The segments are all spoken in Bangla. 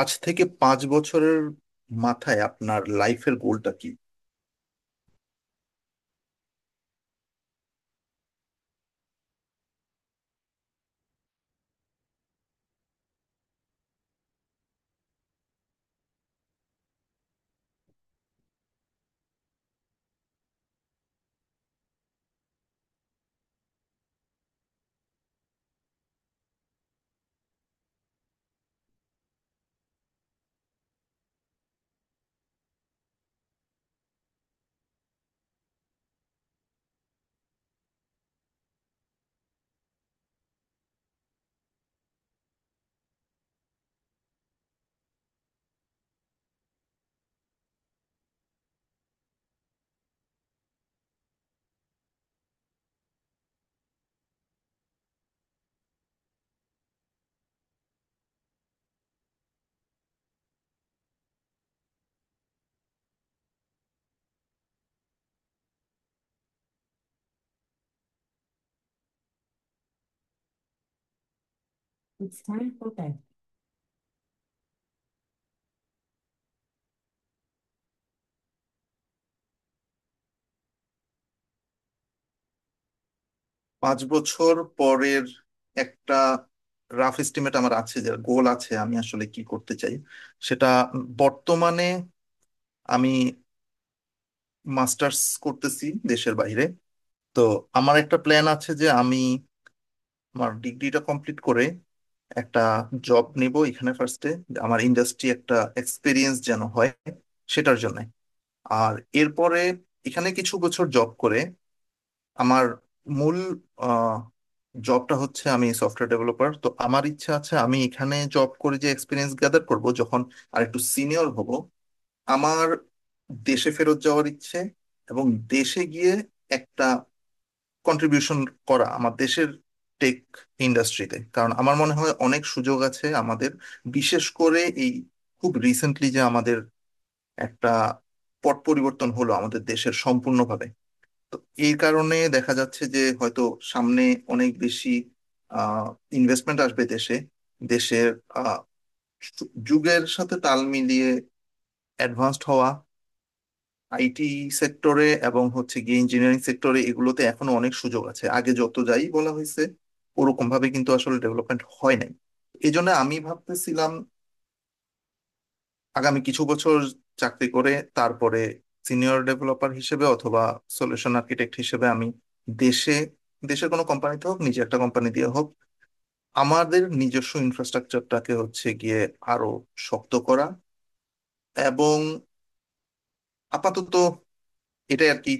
আজ থেকে 5 বছরের মাথায় আপনার লাইফের গোলটা কি? 5 বছর পরের একটা রাফ এস্টিমেট আমার আছে, যে গোল আছে আমি আসলে কি করতে চাই সেটা। বর্তমানে আমি মাস্টার্স করতেছি দেশের বাইরে। তো আমার একটা প্ল্যান আছে যে আমি আমার ডিগ্রিটা কমপ্লিট করে একটা জব নেব এখানে ফার্স্টে, আমার ইন্ডাস্ট্রি একটা এক্সপিরিয়েন্স যেন হয় সেটার জন্য। আর এরপরে এখানে কিছু বছর জব করে, আমার মূল জবটা হচ্ছে আমি সফটওয়্যার ডেভেলপার, তো আমার ইচ্ছা আছে আমি এখানে জব করে যে এক্সপিরিয়েন্স গ্যাদার করব, যখন আর একটু সিনিয়র হব আমার দেশে ফেরত যাওয়ার ইচ্ছে, এবং দেশে গিয়ে একটা কন্ট্রিবিউশন করা আমার দেশের টেক ইন্ডাস্ট্রিতে, কারণ আমার মনে হয় অনেক সুযোগ আছে আমাদের। বিশেষ করে এই খুব রিসেন্টলি যে আমাদের একটা পট পরিবর্তন হলো আমাদের দেশের সম্পূর্ণভাবে, তো এই কারণে দেখা যাচ্ছে যে হয়তো সামনে অনেক বেশি আহ ইনভেস্টমেন্ট আসবে দেশে, দেশের আহ, যুগের সাথে তাল মিলিয়ে অ্যাডভান্সড হওয়া আইটি সেক্টরে এবং হচ্ছে গিয়ে ইঞ্জিনিয়ারিং সেক্টরে। এগুলোতে এখনো অনেক সুযোগ আছে, আগে যত যাই বলা হয়েছে ওরকম ভাবে কিন্তু আসলে ডেভেলপমেন্ট হয় নাই। এই জন্য আমি ভাবতেছিলাম আগামী কিছু বছর চাকরি করে তারপরে সিনিয়র ডেভেলপার হিসেবে অথবা সলিউশন আর্কিটেক্ট হিসেবে আমি দেশে, দেশের কোনো কোম্পানিতে হোক নিজে একটা কোম্পানি দিয়ে হোক আমাদের নিজস্ব ইনফ্রাস্ট্রাকচারটাকে হচ্ছে গিয়ে আরো শক্ত করা। এবং আপাতত এটাই আর কি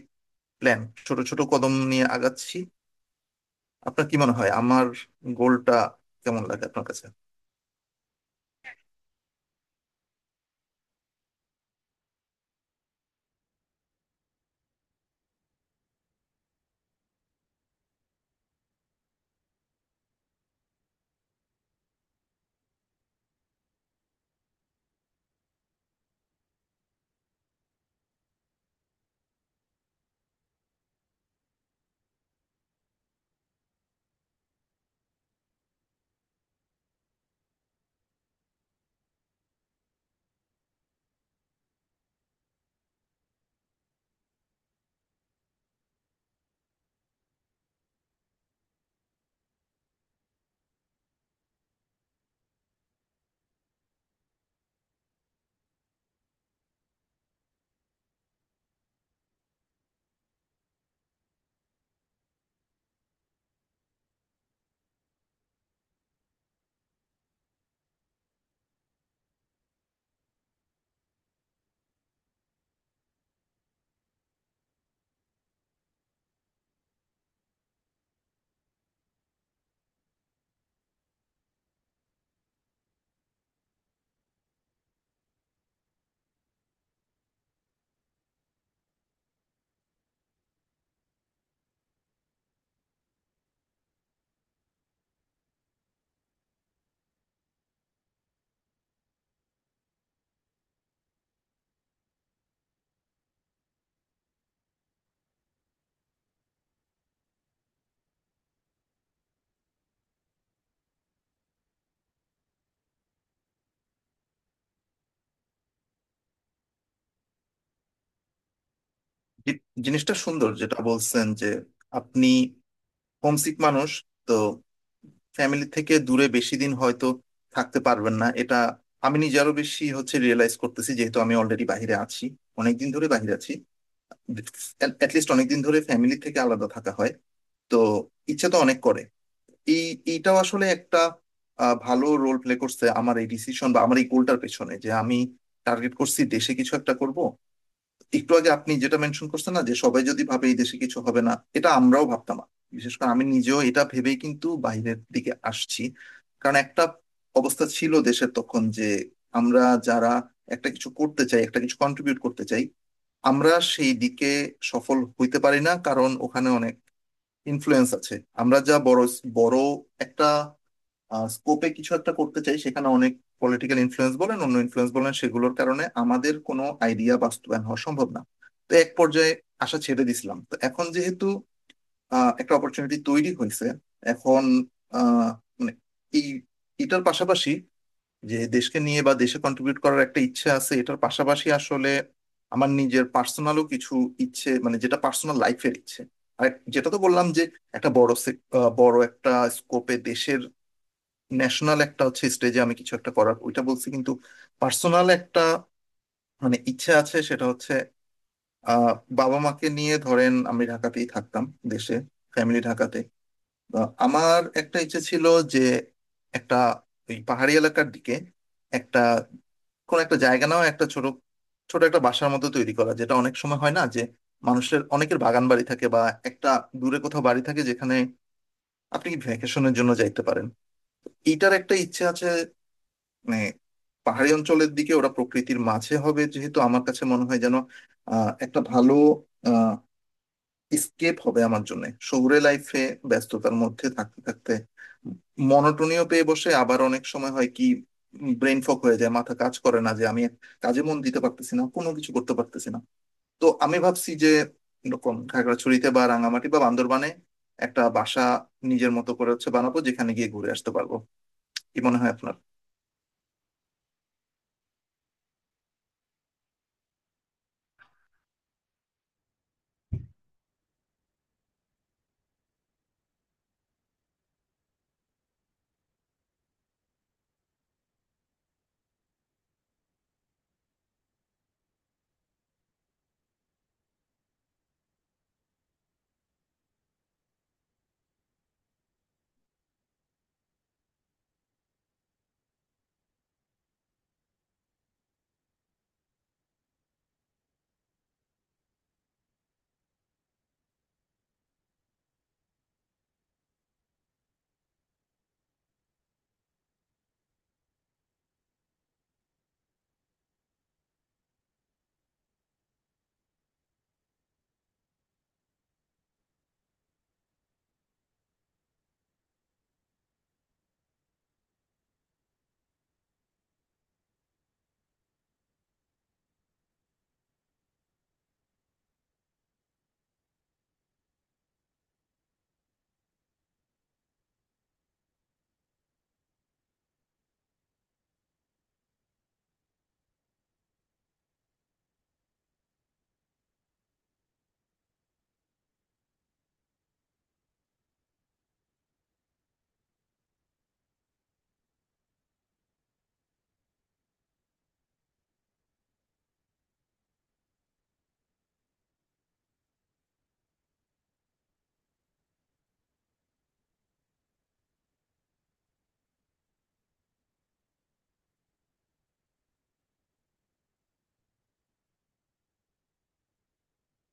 প্ল্যান, ছোট ছোট কদম নিয়ে আগাচ্ছি। আপনার কি মনে হয় আমার গোলটা কেমন লাগে আপনার কাছে? জিনিসটা সুন্দর যেটা বলছেন যে আপনি হোমসিক মানুষ, তো ফ্যামিলি থেকে দূরে বেশি দিন হয়তো থাকতে পারবেন না, এটা আমি নিজে আরো বেশি হচ্ছে রিয়েলাইজ করতেছি যেহেতু আমি অলরেডি বাইরে আছি, অনেকদিন ধরে বাইরে আছি। অ্যাটলিস্ট অনেকদিন ধরে ফ্যামিলি থেকে আলাদা থাকা হয়, তো ইচ্ছা তো অনেক করে। এই এইটাও আসলে একটা ভালো রোল প্লে করছে আমার এই ডিসিশন বা আমার এই গোলটার পেছনে, যে আমি টার্গেট করছি দেশে কিছু একটা করব। একটু আগে আপনি যেটা মেনশন করছেন না, যে সবাই যদি ভাবে এই দেশে কিছু হবে না, এটা আমরাও ভাবতাম না। বিশেষ করে আমি নিজেও এটা ভেবেই কিন্তু বাইরের দিকে আসছি, কারণ একটা অবস্থা ছিল দেশের তখন যে আমরা যারা একটা কিছু করতে চাই, একটা কিছু কন্ট্রিবিউট করতে চাই, আমরা সেই দিকে সফল হইতে পারি না কারণ ওখানে অনেক ইনফ্লুয়েন্স আছে। আমরা যা বড় বড় একটা স্কোপে কিছু একটা করতে চাই সেখানে অনেক পলিটিক্যাল ইনফ্লুয়েন্স বলেন অন্য ইনফ্লুয়েন্স বলেন, সেগুলোর কারণে আমাদের কোনো আইডিয়া বাস্তবায়ন হওয়া সম্ভব না। তো এক পর্যায়ে আশা ছেড়ে দিছিলাম, তো এখন যেহেতু একটা অপরচুনিটি তৈরি হয়েছে এখন, আহ, মানে এই এটার পাশাপাশি যে দেশকে নিয়ে বা দেশে কন্ট্রিবিউট করার একটা ইচ্ছে আছে, এটার পাশাপাশি আসলে আমার নিজের পার্সোনালও কিছু ইচ্ছে, মানে যেটা পার্সোনাল লাইফের ইচ্ছে। আর যেটা তো বললাম যে একটা বড় বড় একটা স্কোপে দেশের ন্যাশনাল একটা হচ্ছে স্টেজে আমি কিছু একটা করার ওইটা বলছি, কিন্তু পার্সোনাল একটা মানে ইচ্ছা আছে সেটা হচ্ছে আহ বাবা মাকে নিয়ে। ধরেন আমি ঢাকাতেই থাকতাম দেশে, ফ্যামিলি ঢাকাতে, তো আমার একটা ইচ্ছে ছিল যে একটা ওই পাহাড়ি এলাকার দিকে একটা কোন একটা জায়গা নাও, একটা ছোট ছোট একটা বাসার মতো তৈরি করা। যেটা অনেক সময় হয় না যে মানুষের, অনেকের বাগান বাড়ি থাকে বা একটা দূরে কোথাও বাড়ি থাকে যেখানে আপনি ভ্যাকেশনের জন্য যাইতে পারেন, এইটার একটা ইচ্ছে আছে। মানে পাহাড়ি অঞ্চলের দিকে ওরা প্রকৃতির মাঝে হবে, যেহেতু আমার কাছে মনে হয় যেন একটা ভালো স্কেপ হবে আমার জন্য। শহুরে লাইফে ব্যস্ততার মধ্যে থাকতে থাকতে মনোটোনিও পেয়ে বসে, আবার অনেক সময় হয় কি ব্রেন ফগ হয়ে যায়, মাথা কাজ করে না, যে আমি কাজে মন দিতে পারতেছি না, কোনো কিছু করতে পারতেছি না। তো আমি ভাবছি যে এরকম খাগড়াছড়িতে বা রাঙামাটি বা বান্দরবানে একটা বাসা নিজের মতো করে হচ্ছে বানাবো, যেখানে গিয়ে ঘুরে আসতে পারবো। কি মনে হয় আপনার?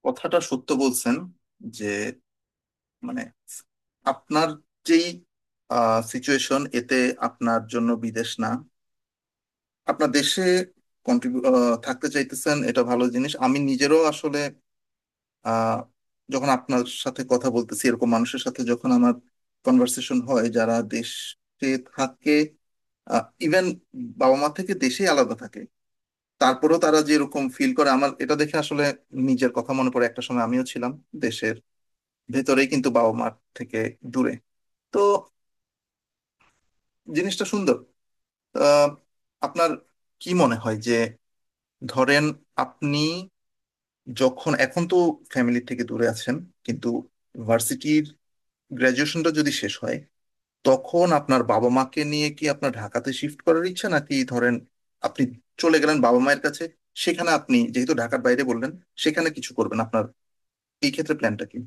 কথাটা সত্য বলছেন, যে মানে আপনার যেই সিচুয়েশন এতে আপনার জন্য বিদেশ না, আপনার দেশে কন্ট্রিবিউ থাকতে চাইতেছেন, এটা ভালো জিনিস। আমি নিজেরও আসলে আহ, যখন আপনার সাথে কথা বলতেছি, এরকম মানুষের সাথে যখন আমার কনভার্সেশন হয় যারা দেশে থাকে, ইভেন বাবা মা থেকে দেশেই আলাদা থাকে, তারপরেও তারা যেরকম ফিল করে আমার এটা দেখে আসলে নিজের কথা মনে পড়ে। একটা সময় আমিও ছিলাম দেশের ভেতরেই কিন্তু বাবা মার থেকে দূরে, তো জিনিসটা সুন্দর। আহ, আপনার কি মনে হয় যে, ধরেন আপনি, যখন এখন তো ফ্যামিলি থেকে দূরে আছেন কিন্তু ভার্সিটির গ্রাজুয়েশনটা যদি শেষ হয় তখন আপনার বাবা মাকে নিয়ে কি আপনার ঢাকাতে শিফট করার ইচ্ছা, নাকি ধরেন আপনি চলে গেলেন বাবা মায়ের কাছে, সেখানে আপনি যেহেতু ঢাকার বাইরে বললেন সেখানে কিছু করবেন, আপনার এই ক্ষেত্রে প্ল্যানটা কি?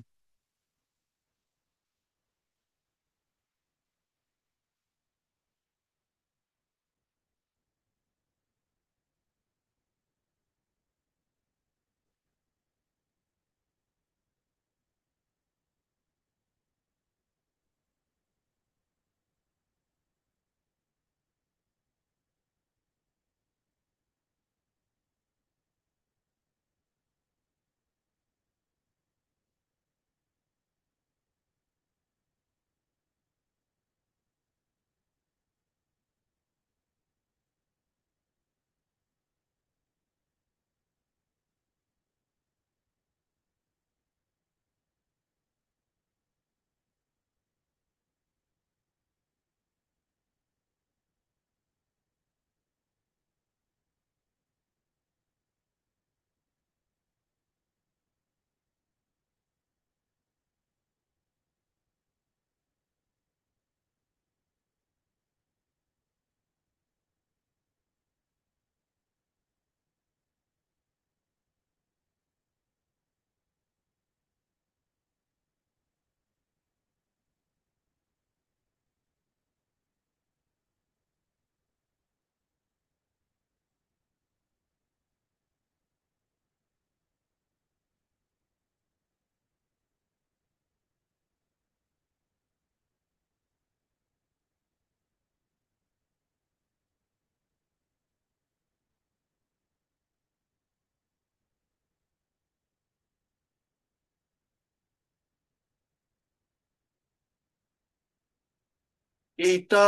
এইটা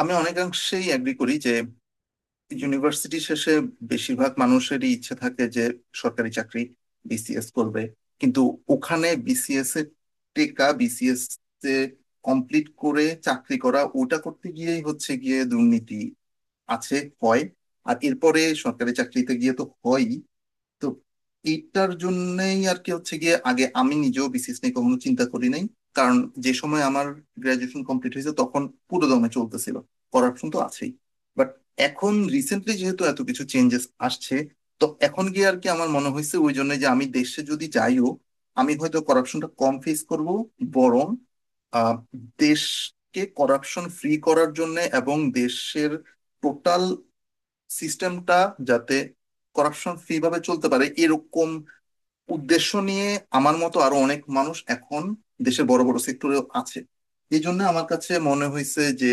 আমি অনেকাংশেই এগ্রি করি, যে ইউনিভার্সিটি শেষে বেশিরভাগ মানুষেরই ইচ্ছে থাকে যে সরকারি চাকরি, বিসিএস করবে। কিন্তু ওখানে বিসিএস এর টেকা, বিসিএস এ কমপ্লিট করে চাকরি করা, ওটা করতে গিয়েই হচ্ছে গিয়ে দুর্নীতি আছে, হয়। আর এরপরে সরকারি চাকরিতে গিয়ে তো হয়ই। তো এইটার জন্যই আর কি হচ্ছে গিয়ে, আগে আমি নিজেও বিসিএস নিয়ে কখনো চিন্তা করি নাই, কারণ যে সময় আমার গ্রাজুয়েশন কমপ্লিট হয়েছে তখন পুরো দমে চলতেছিল করাপশন, তো আছেই। বাট এখন রিসেন্টলি যেহেতু এত কিছু চেঞ্জেস আসছে, তো এখন গিয়ে আর কি আমার মনে হয়েছে ওই জন্য যে আমি দেশে যদি যাইও আমি হয়তো করাপশনটা কম ফেস করব, বরং আহ, দেশকে করাপশন ফ্রি করার জন্য এবং দেশের টোটাল সিস্টেমটা যাতে করাপশন ফ্রি ভাবে চলতে পারে এরকম উদ্দেশ্য নিয়ে আমার মতো আরো অনেক মানুষ এখন দেশের বড় বড় সেক্টরে আছে। এই জন্য আমার কাছে মনে হয়েছে যে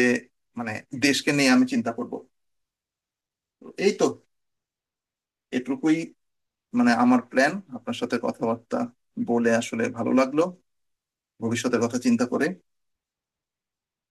মানে দেশকে নিয়ে আমি চিন্তা করব, এই তো, এটুকুই মানে আমার প্ল্যান। আপনার সাথে কথাবার্তা বলে আসলে ভালো লাগলো, ভবিষ্যতের কথা চিন্তা করে।